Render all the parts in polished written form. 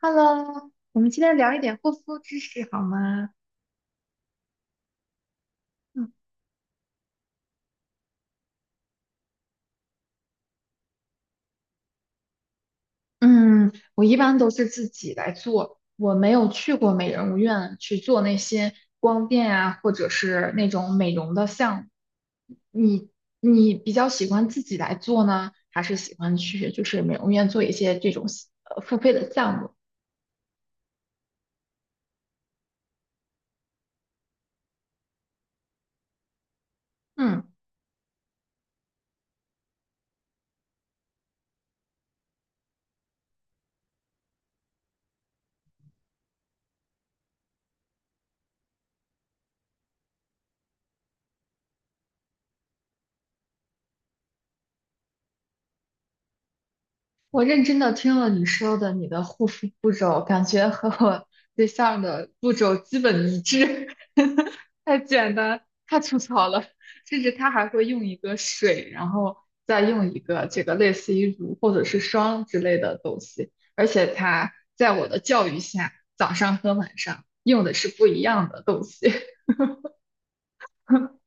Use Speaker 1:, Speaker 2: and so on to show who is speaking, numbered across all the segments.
Speaker 1: Hello，我们今天聊一点护肤知识好吗？嗯嗯，我一般都是自己来做，我没有去过美容院去做那些光电啊，或者是那种美容的项目。你你比较喜欢自己来做呢，还是喜欢去就是美容院做一些这种付费的项目？嗯。我认真的听了你说的你的护肤步骤，感觉和我对象的步骤基本一致，太简单，太粗糙了。甚至他还会用一个水，然后再用一个这个类似于乳或者是霜之类的东西，而且他在我的教育下，早上和晚上用的是不一样的东西。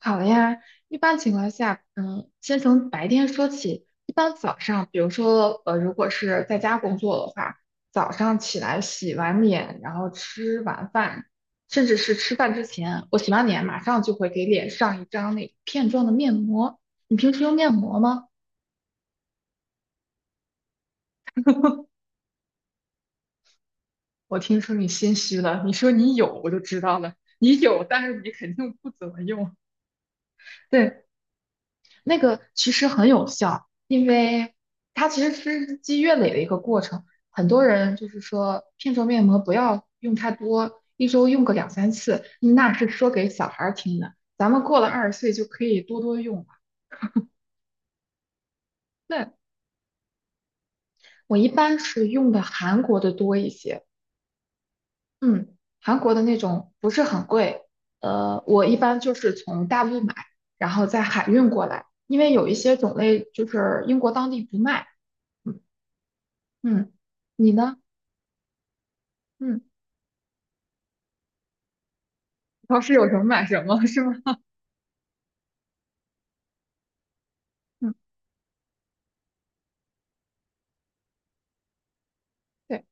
Speaker 1: 好的呀，一般情况下，嗯，先从白天说起。一般早上，比如说，如果是在家工作的话，早上起来洗完脸，然后吃完饭，甚至是吃饭之前，我洗完脸马上就会给脸上一张那片状的面膜。你平时用面膜吗？我听说你心虚了，你说你有，我就知道了，你有，但是你肯定不怎么用。对，那个其实很有效，因为它其实是日积月累的一个过程。很多人就是说，片状面膜不要用太多，一周用个两三次，嗯那是说给小孩儿听的。咱们过了20岁就可以多多用了。那我一般是用的韩国的多一些，嗯，韩国的那种不是很贵，我一般就是从大陆买，然后再海运过来，因为有一些种类就是英国当地不卖，嗯嗯，你呢？嗯，超市有什么买什么，是吗？嗯，对，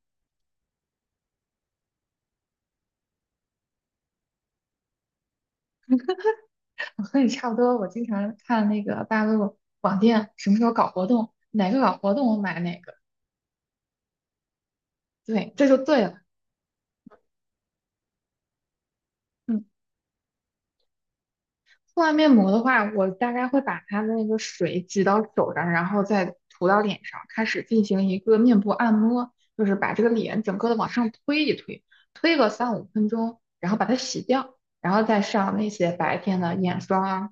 Speaker 1: 我和你差不多。我经常看那个大陆网店什么时候搞活动，哪个搞活动我买哪个。对，这就对了。嗯。敷完面膜的话，我大概会把它的那个水挤到手上，然后再涂到脸上，开始进行一个面部按摩，就是把这个脸整个的往上推一推，推个三五分钟，然后把它洗掉，然后再上那些白天的眼霜啊、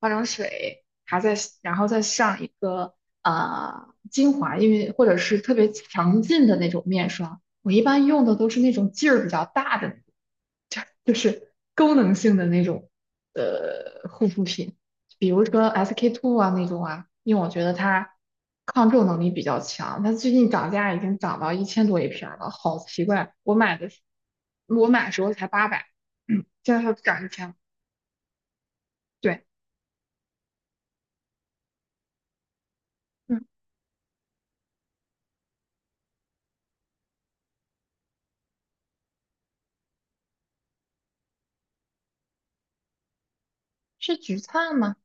Speaker 1: 化妆水，还在，然后再上一个精华，因为或者是特别强劲的那种面霜，我一般用的都是那种劲儿比较大的，就是功能性的那种护肤品，比如说 SK two 啊那种啊，因为我觉得它抗皱能力比较强，它最近涨价已经涨到1000多一瓶儿了，好奇怪！我买的时候才八百，嗯，现在它涨一千了。对，嗯，是橘灿吗？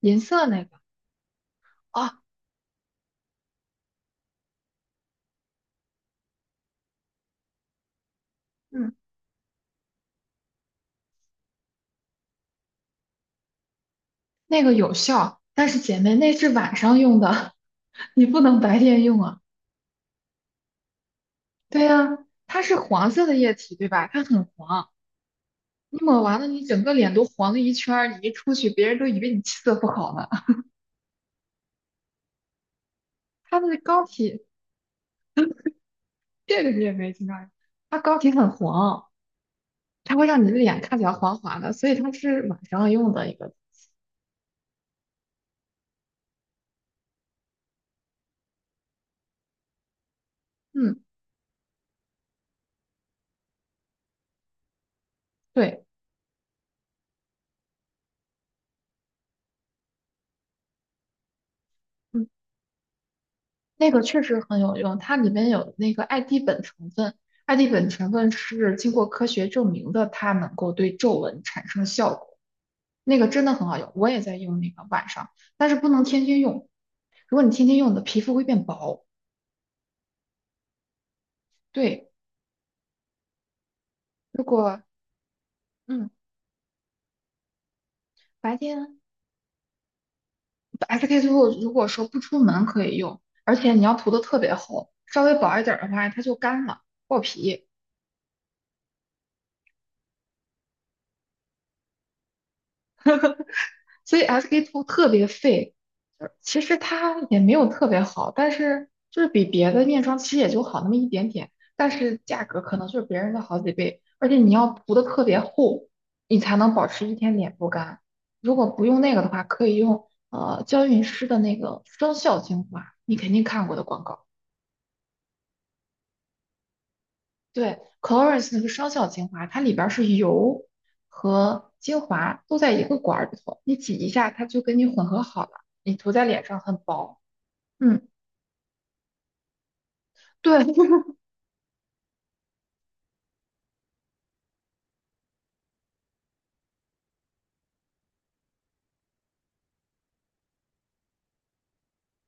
Speaker 1: 银色那个啊，嗯，那个有效，但是姐妹那是晚上用的，你不能白天用啊。对呀，它是黄色的液体，对吧？它很黄。你抹完了，你整个脸都黄了一圈儿，你一出去，别人都以为你气色不好呢。它的膏体，这个你也没听到呀？它膏体很黄，它会让你的脸看起来黄黄的，所以它是晚上用的一个。嗯，对，嗯，那个确实很有用，它里面有那个艾地苯成分，艾地苯成分是经过科学证明的，它能够对皱纹产生效果，那个真的很好用，我也在用那个晚上，但是不能天天用，如果你天天用，你的皮肤会变薄。对。如果嗯白天 SK two 如果说不出门可以用，而且你要涂的特别厚，稍微薄一点儿的话它就干了爆皮，所以 SK two 特别费。就是其实它也没有特别好，但是就是比别的面霜其实也就好那么一点点，但是价格可能就是别人的好几倍，而且你要涂的特别厚，你才能保持一天脸不干。如果不用那个的话，可以用娇韵诗的那个双效精华，你肯定看过的广告。对，Clarins 那个双效精华，它里边儿是油和精华都在一个管儿里头，你挤一下，它就跟你混合好了，你涂在脸上很薄。嗯，对，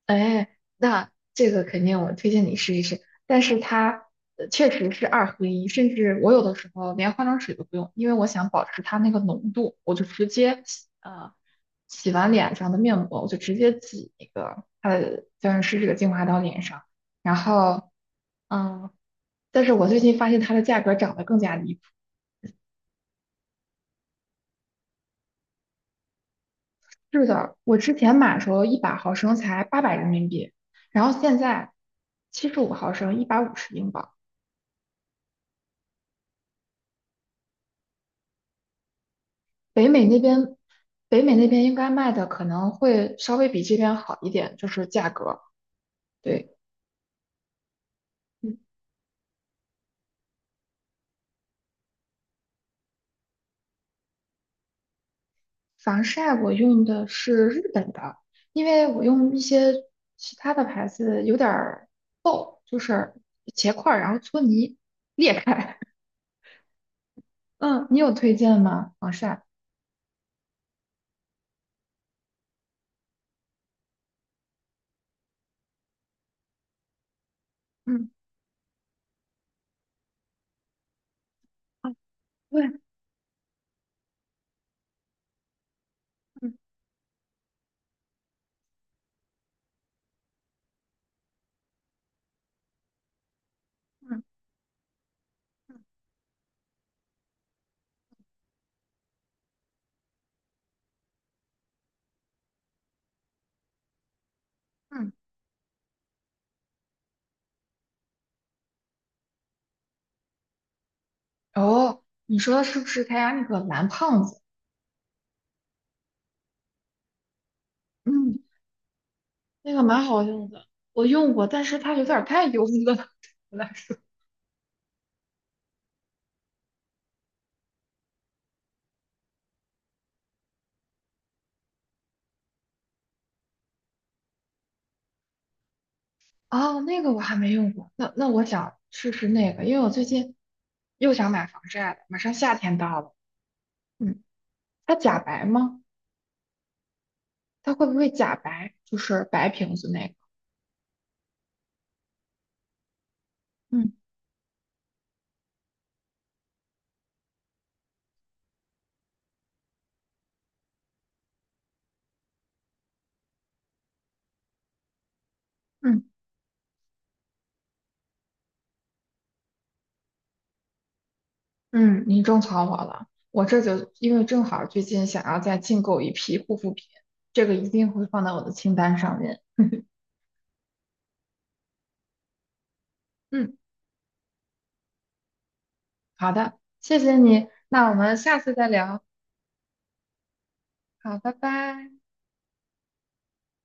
Speaker 1: 哎，那这个肯定我推荐你试一试，但是它确实是二合一，甚至我有的时候连化妆水都不用，因为我想保持它那个浓度，我就直接洗完脸上的面膜，我就直接挤那个它的娇韵诗这个精华到脸上，然后。嗯，但是我最近发现它的价格涨得更加离谱。是的，我之前买的时候100毫升才800人民币，然后现在75毫升150英镑。北美那边，北美那边应该卖的可能会稍微比这边好一点，就是价格。对，嗯，防晒我用的是日本的，因为我用一些其他的牌子有点儿就是结块儿，然后搓泥裂开。嗯，你有推荐吗？防晒？嗯，对，嗯。哦，你说的是不是他家那个蓝胖子？嗯，那个蛮好用的，我用过，但是它有点儿太油了，对我来说。哦，那个我还没用过，那我想试试那个，因为我最近又想买防晒了，马上夏天到了。嗯，它假白吗？它会不会假白？就是白瓶子那个。嗯，嗯嗯，你种草我了，我这就因为正好最近想要再进购一批护肤品，这个一定会放到我的清单上面。嗯。好的，谢谢你，那我们下次再聊。好，拜拜。